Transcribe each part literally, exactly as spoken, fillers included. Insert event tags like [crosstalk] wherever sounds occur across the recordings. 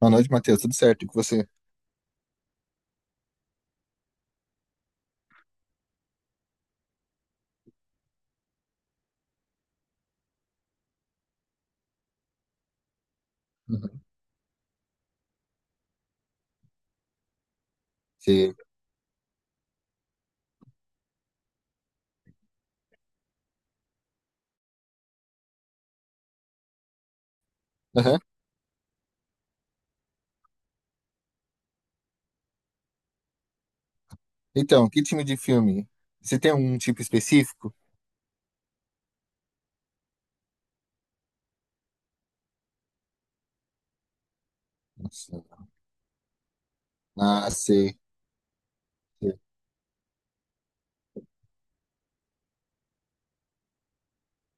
Boa noite, Matheus. Tudo certo? E com você? Uhum. Você- Aham. Então, que time de filme? Você tem um tipo específico? Nossa. Ah, sei. Sei.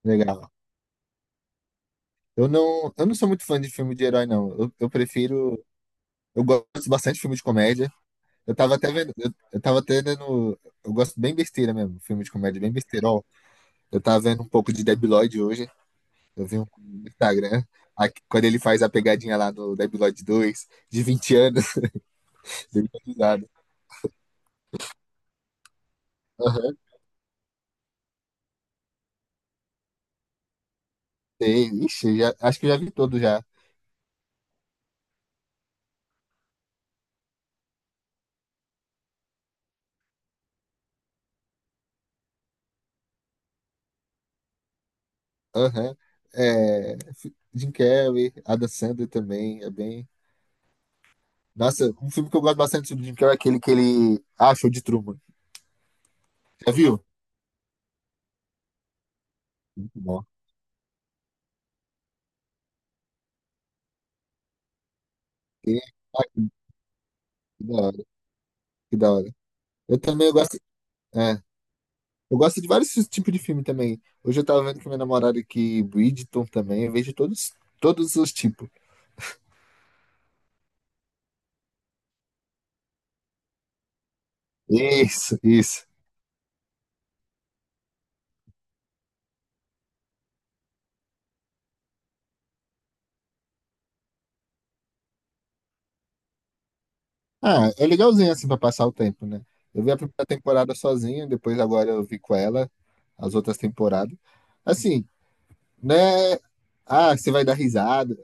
Legal. Eu não, eu não sou muito fã de filme de herói, não. Eu, eu prefiro. Eu gosto bastante de filme de comédia. Eu tava até vendo. Eu, eu tava até vendo. Eu gosto bem besteira mesmo. Filme de comédia, bem besteirol. Eu tava vendo um pouco de Debiloid hoje. Eu vi um no Instagram. A- quando ele faz a pegadinha lá do Debiloid dois de vinte anos. [laughs] Dei muita risada. Sei, ixi, já, acho que já vi todo já. Aham. É, fi- Jim Carrey, Adam Sandler também, é bem... Nossa, um filme que eu gosto bastante do Jim Carrey é aquele que ele... Ah, Show de Truman. Já viu? Muito bom. E- ah, que da hora, que da hora. Eu também eu gosto... É, eu gosto de vários tipos de filme também. Hoje eu tava vendo com minha namorada aqui, Bridgerton também, eu vejo todos, todos os tipos. Isso, isso. Ah, é legalzinho assim pra passar o tempo, né? Eu vi a primeira temporada sozinho, depois agora eu vi com ela as outras temporadas. Assim, né? Ah, você vai dar risada.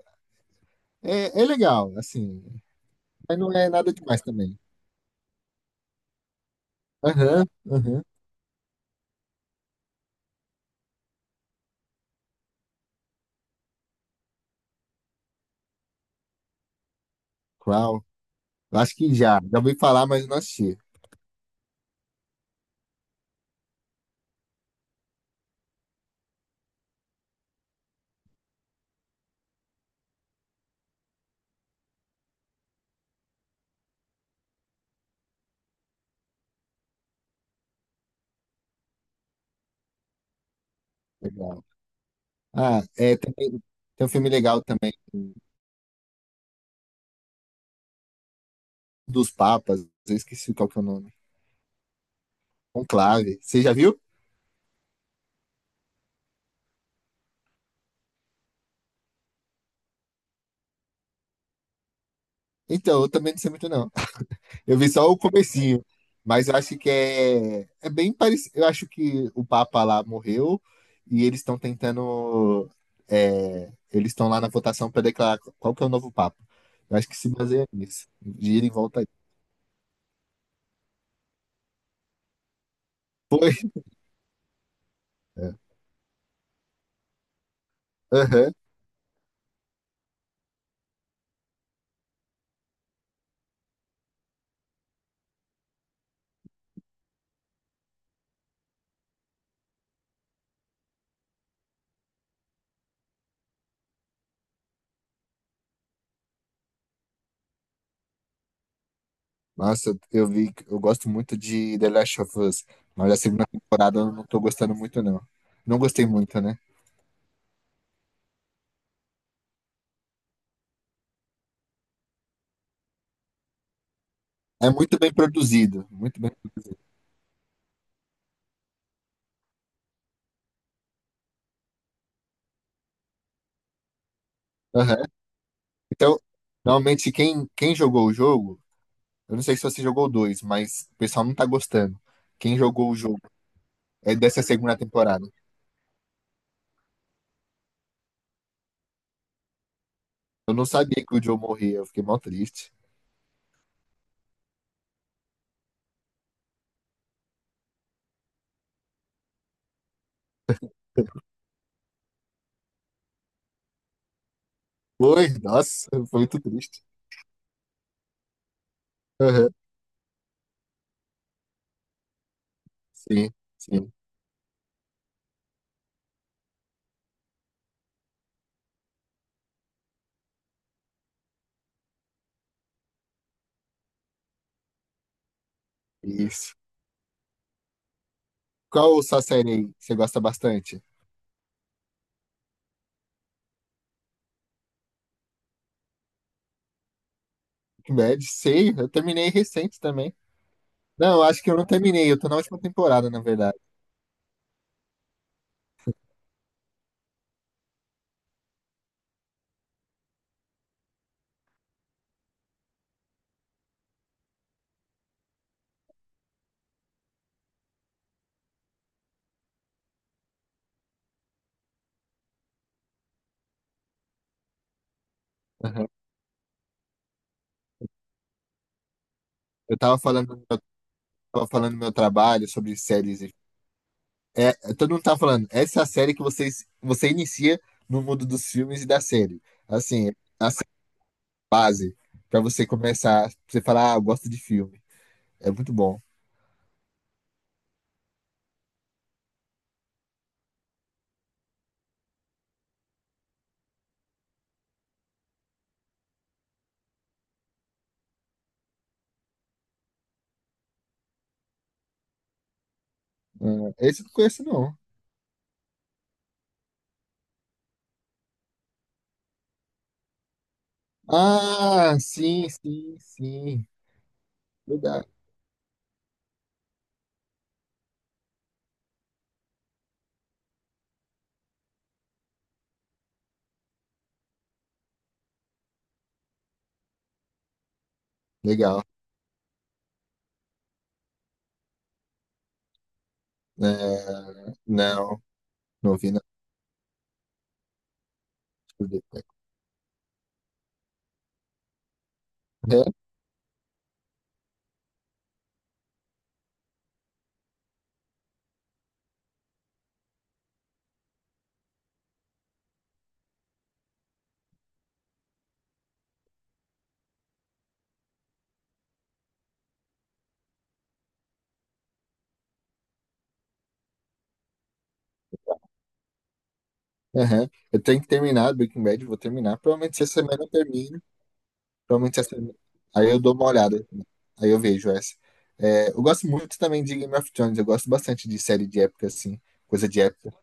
É, é legal, assim. Mas não é nada demais também. Aham, aham. Qual? Eu acho que já. Já ouvi falar, mas não assisti. Legal. Ah, é, tem, tem um filme legal também dos Papas. Eu esqueci qual que é o nome. Conclave. Você já viu? Então, eu também não sei muito não. Eu vi só o comecinho, mas eu acho que é, é bem parecido. Eu acho que o Papa lá morreu e eles estão tentando. É, eles estão lá na votação para declarar qual que é o novo Papa. Eu acho que se baseia nisso. De ir e volta aí. Foi. É. Aham. Nossa, eu vi, eu gosto muito de The Last of Us, mas a segunda temporada eu não tô gostando muito, não. Não gostei muito, né? É muito bem produzido, muito bem. Aham. Então, normalmente quem, quem jogou o jogo. Eu não sei se você jogou o dois, mas o pessoal não tá gostando. Quem jogou o jogo é dessa segunda temporada. Eu não sabia que o Joe morria, eu fiquei mal triste. [laughs] Foi, nossa, foi muito triste. Aham, sim, sim, isso. Qual sua série aí que você gosta bastante? Breaking Bad, sei, eu terminei recente também. Não, eu acho que eu não terminei, eu tô na última temporada, na verdade. Aham. Eu tava falando, eu tava falando do meu trabalho sobre séries. E É, todo mundo tá falando, essa é a série que vocês, você inicia no mundo dos filmes e da série. Assim, a série base pra você começar, pra você falar, ah, eu gosto de filme. É muito bom. Ah, esse eu não conheço, não. Ah, sim, sim, sim. Legal. Legal. É, não, não vi, não. Deixa eu ver. É, aham. Eu tenho que terminar Breaking Bad, vou terminar. Provavelmente essa semana eu termino. Provavelmente essa. Aí eu dou uma olhada. Aí eu vejo essa. É, eu gosto muito também de Game of Thrones. Eu gosto bastante de série de época, assim. Coisa de época.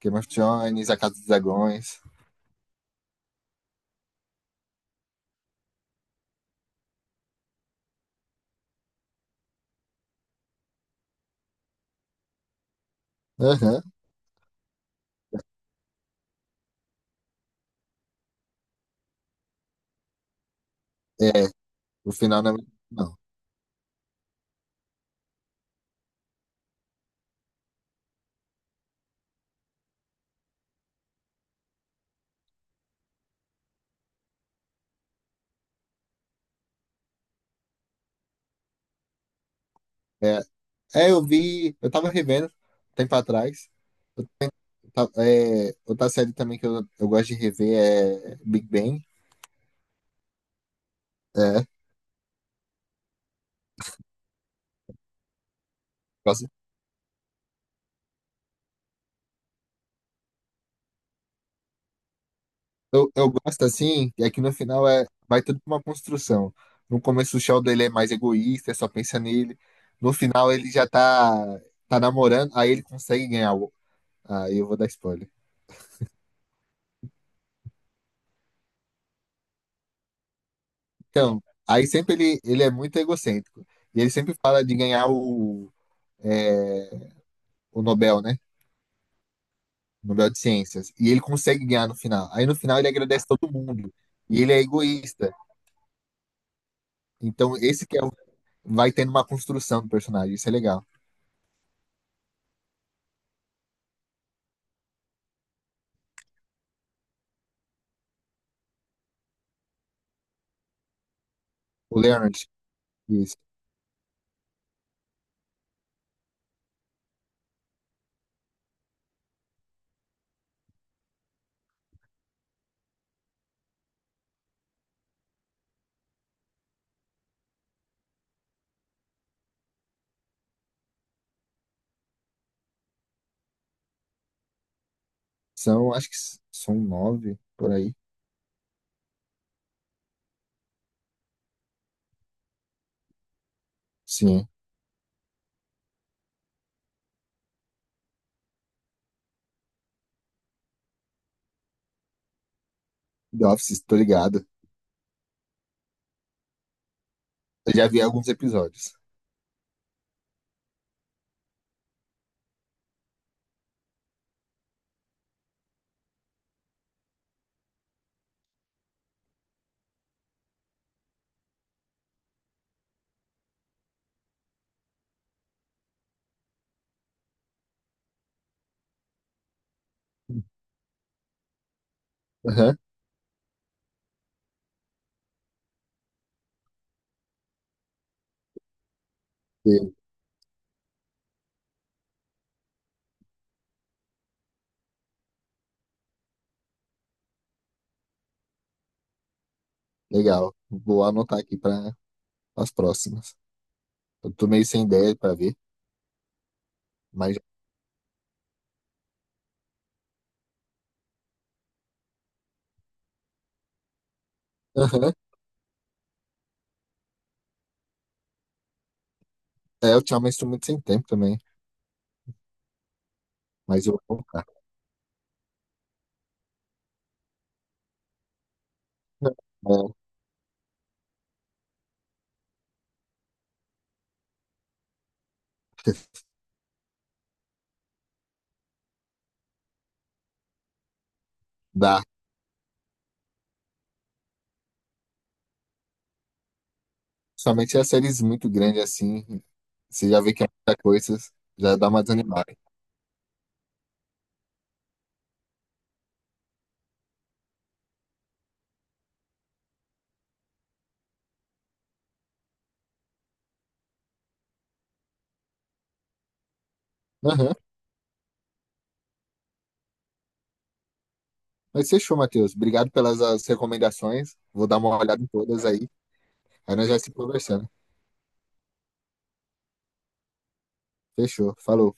Game of Thrones, A Casa dos Dragões. Aham. É, o final não é muito- Não. É, é, eu vi. Eu tava revendo um tempo atrás. Eu ta- é, outra série também que eu, eu gosto de rever é Big Bang. É, gosto. Eu, eu gosto assim, é que no final é, vai tudo pra uma construção. No começo o Sheldon ele é mais egoísta, só pensa nele. No final ele já tá, tá namorando, aí ele consegue ganhar o. Aí eu vou dar spoiler. Então, aí sempre ele, ele é muito egocêntrico. E ele sempre fala de ganhar o, é, o Nobel, né? Nobel de Ciências. E ele consegue ganhar no final. Aí no final ele agradece todo mundo. E ele é egoísta. Então esse que é, o- vai tendo uma construção do personagem. Isso é legal. O Leonard, isso. São, acho que s- são nove por aí. Sim, The Office, tô ligado. Eu já vi alguns episódios. [laughs] Aham, sim, legal. Vou anotar aqui para as próximas. Eu tô meio sem ideia para ver, mas aham. É, ultimamente estou muito sem tempo também, mas eu vou colocar. [laughs] É, dá. Somente as séries muito grandes assim, você já vê que é muita coisa, já dá uma desanimada. Aham. Mas fechou, Matheus. Obrigado pelas as recomendações. Vou dar uma olhada em todas aí. Aí nós já se conversando. Fechou. Falou.